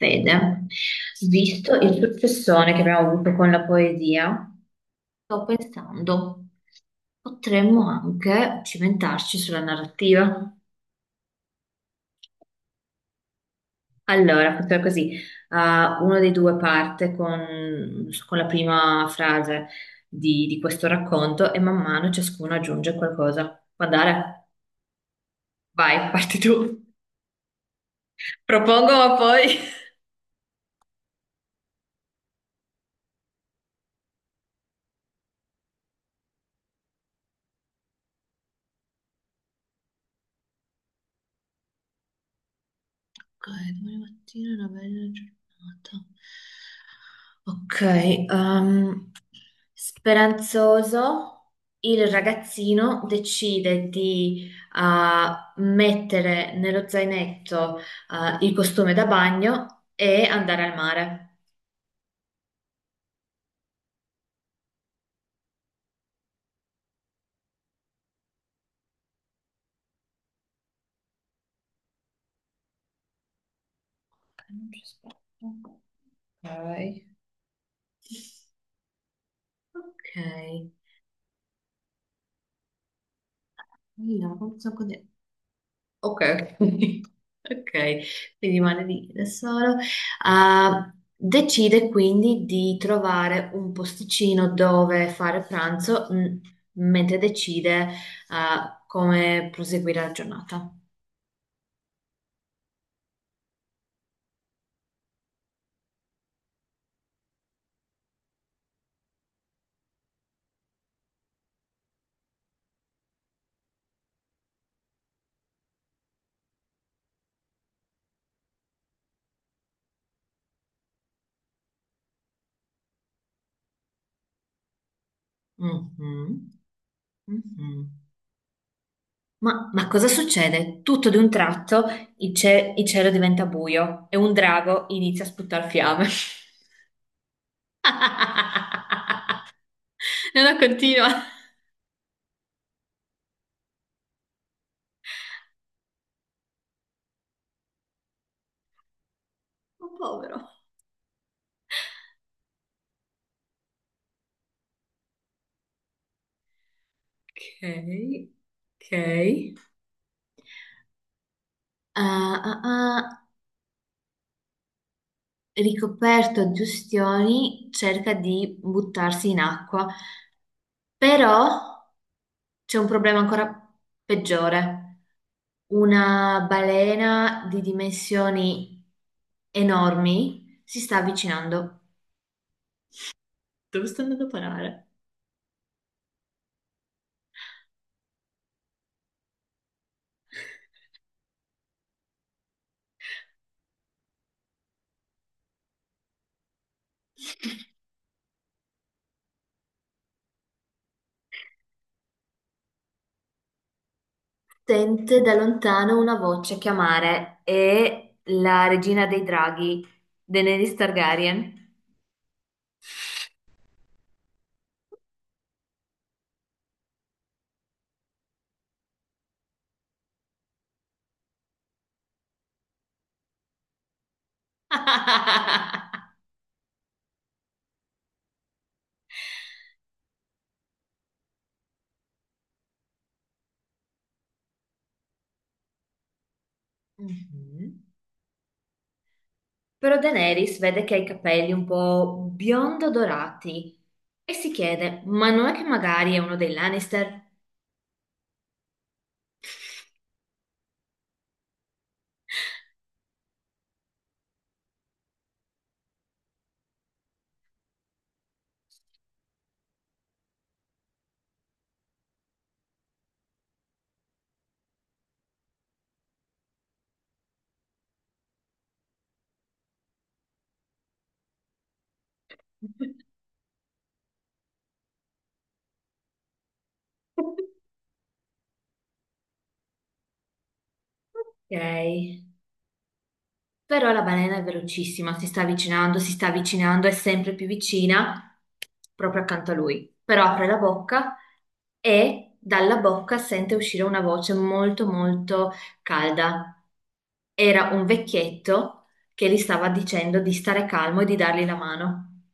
Fede, visto il successone che abbiamo avuto con la poesia, sto pensando, potremmo anche cimentarci sulla narrativa. Allora, facciamo così, uno dei due parte con la prima frase di questo racconto e man mano ciascuno aggiunge qualcosa. Può andare? Vai, parti tu. Propongo, ma poi... Ok, domani mattina è una bella giornata. Ok, ehm, speranzoso, il ragazzino decide di mettere nello zainetto il costume da bagno e andare al mare. Non ci aspetto. Ok. Ok. Io, non so Ok, ok, quindi rimane lì da solo. Decide quindi di trovare un posticino dove fare pranzo, mentre decide, come proseguire la giornata. Mhm, mhm. Ma cosa succede? Tutto di un tratto il cielo diventa buio e un drago inizia a sputare fiamme. No, no, continua. Oh, povero. Ok, ok. Ah, ah, ah, ricoperto di ustioni, cerca di buttarsi in acqua, però c'è un problema ancora peggiore. Una balena di dimensioni enormi si sta avvicinando. Dove sto andando a parare? Sente da lontano una voce chiamare è la regina dei draghi, Daenerys Targaryen. Mhm. Però Daenerys vede che ha i capelli un po' biondo dorati e si chiede, ma non è che magari è uno dei Lannister? Ok. Però la balena è velocissima, si sta avvicinando, è sempre più vicina, proprio accanto a lui. Però apre la bocca e dalla bocca sente uscire una voce molto molto calda. Era un vecchietto che gli stava dicendo di stare calmo e di dargli la mano.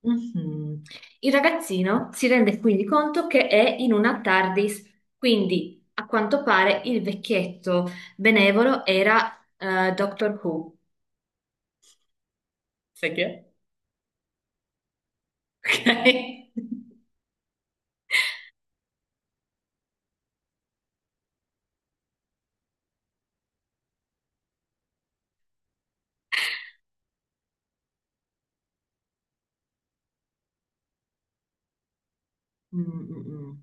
Mhm. Il ragazzino si rende quindi conto che è in una TARDIS, quindi a quanto pare il vecchietto benevolo era Doctor Who. Sai chi è? Ok? Mm, mm, mm.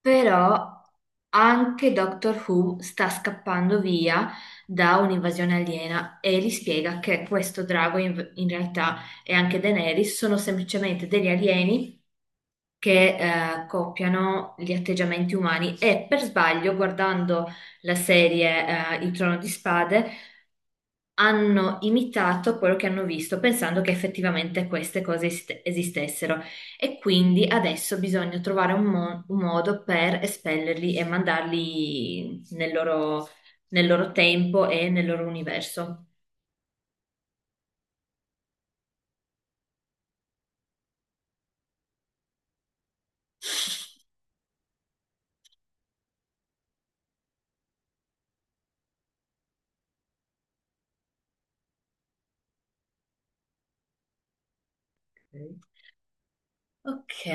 Però anche Doctor Who sta scappando via da un'invasione aliena e gli spiega che questo drago in realtà e anche Daenerys sono semplicemente degli alieni che copiano gli atteggiamenti umani e per sbaglio, guardando la serie Il Trono di Spade, hanno imitato quello che hanno visto, pensando che effettivamente queste cose esistessero. E quindi adesso bisogna trovare un modo per espellerli e mandarli nel loro tempo e nel loro universo. Ok,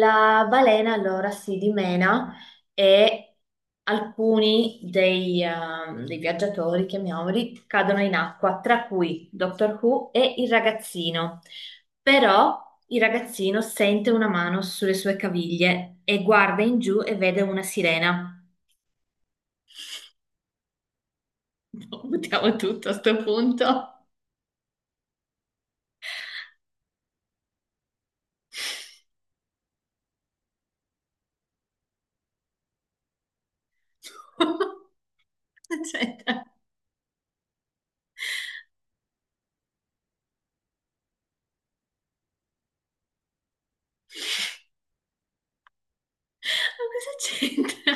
la balena allora si dimena e alcuni dei viaggiatori, chiamiamoli, cadono in acqua, tra cui Doctor Who e il ragazzino. Però il ragazzino sente una mano sulle sue caviglie e guarda in giù e vede una sirena. Buttiamo tutto a sto punto. Cosa c'entra. Ma cosa c'entra?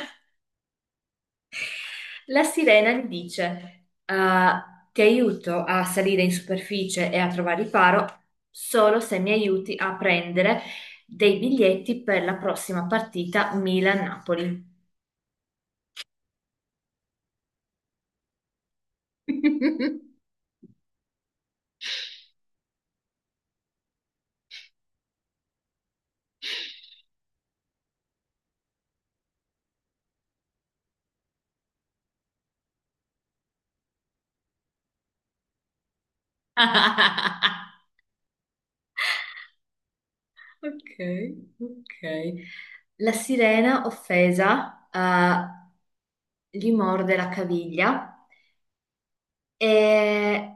La sirena gli dice, "Ah, ti aiuto a salire in superficie e a trovare riparo solo se mi aiuti a prendere dei biglietti per la prossima partita Milan-Napoli." Ok, ok. La sirena offesa, gli morde la caviglia. E-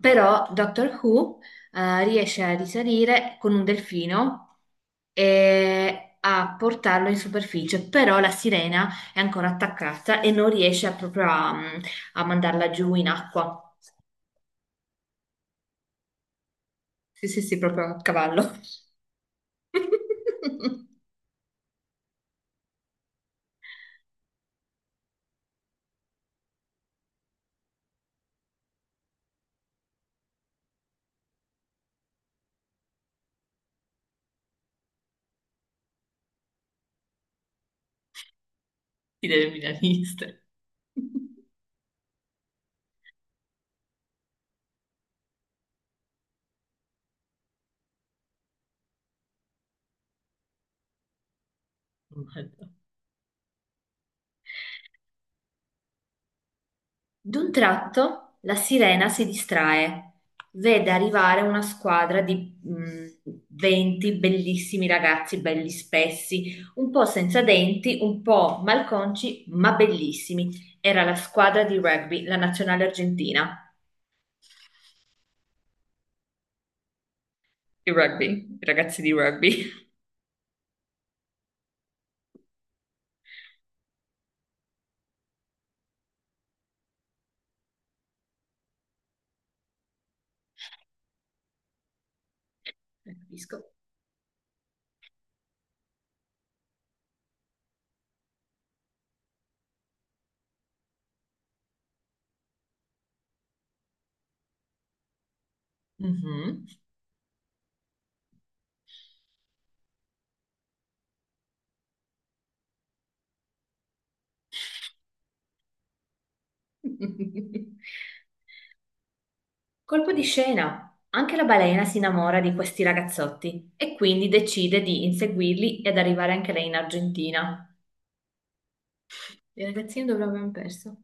Però Doctor Who riesce a risalire con un delfino e a portarlo in superficie, però la sirena è ancora attaccata e non riesce proprio a, a mandarla giù in acqua. Sì, sì, sì, proprio a cavallo. Idee milaniste. Madonna. D'un tratto la sirena si distrae, vede arrivare una squadra di mm, 20 bellissimi ragazzi, belli spessi, un po' senza denti, un po' malconci, ma bellissimi. Era la squadra di rugby, la nazionale argentina. Di rugby, i ragazzi di rugby. Non capisco. Mhm. Colpo di scena. Anche la balena si innamora di questi ragazzotti e quindi decide di inseguirli ed arrivare anche lei in Argentina. Le ragazzine dove l'abbiamo perso?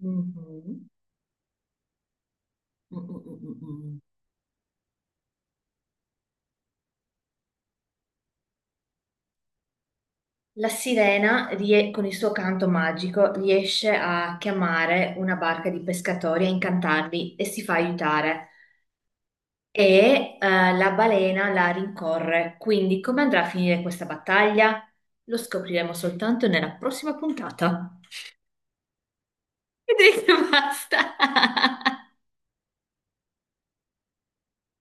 Mhm. Mm, mm, mm, mm. La sirena, con il suo canto magico, riesce a chiamare una barca di pescatori, a incantarli e si fa aiutare. E la balena la rincorre. Quindi, come andrà a finire questa battaglia? Lo scopriremo soltanto nella prossima puntata. Vedrete, basta.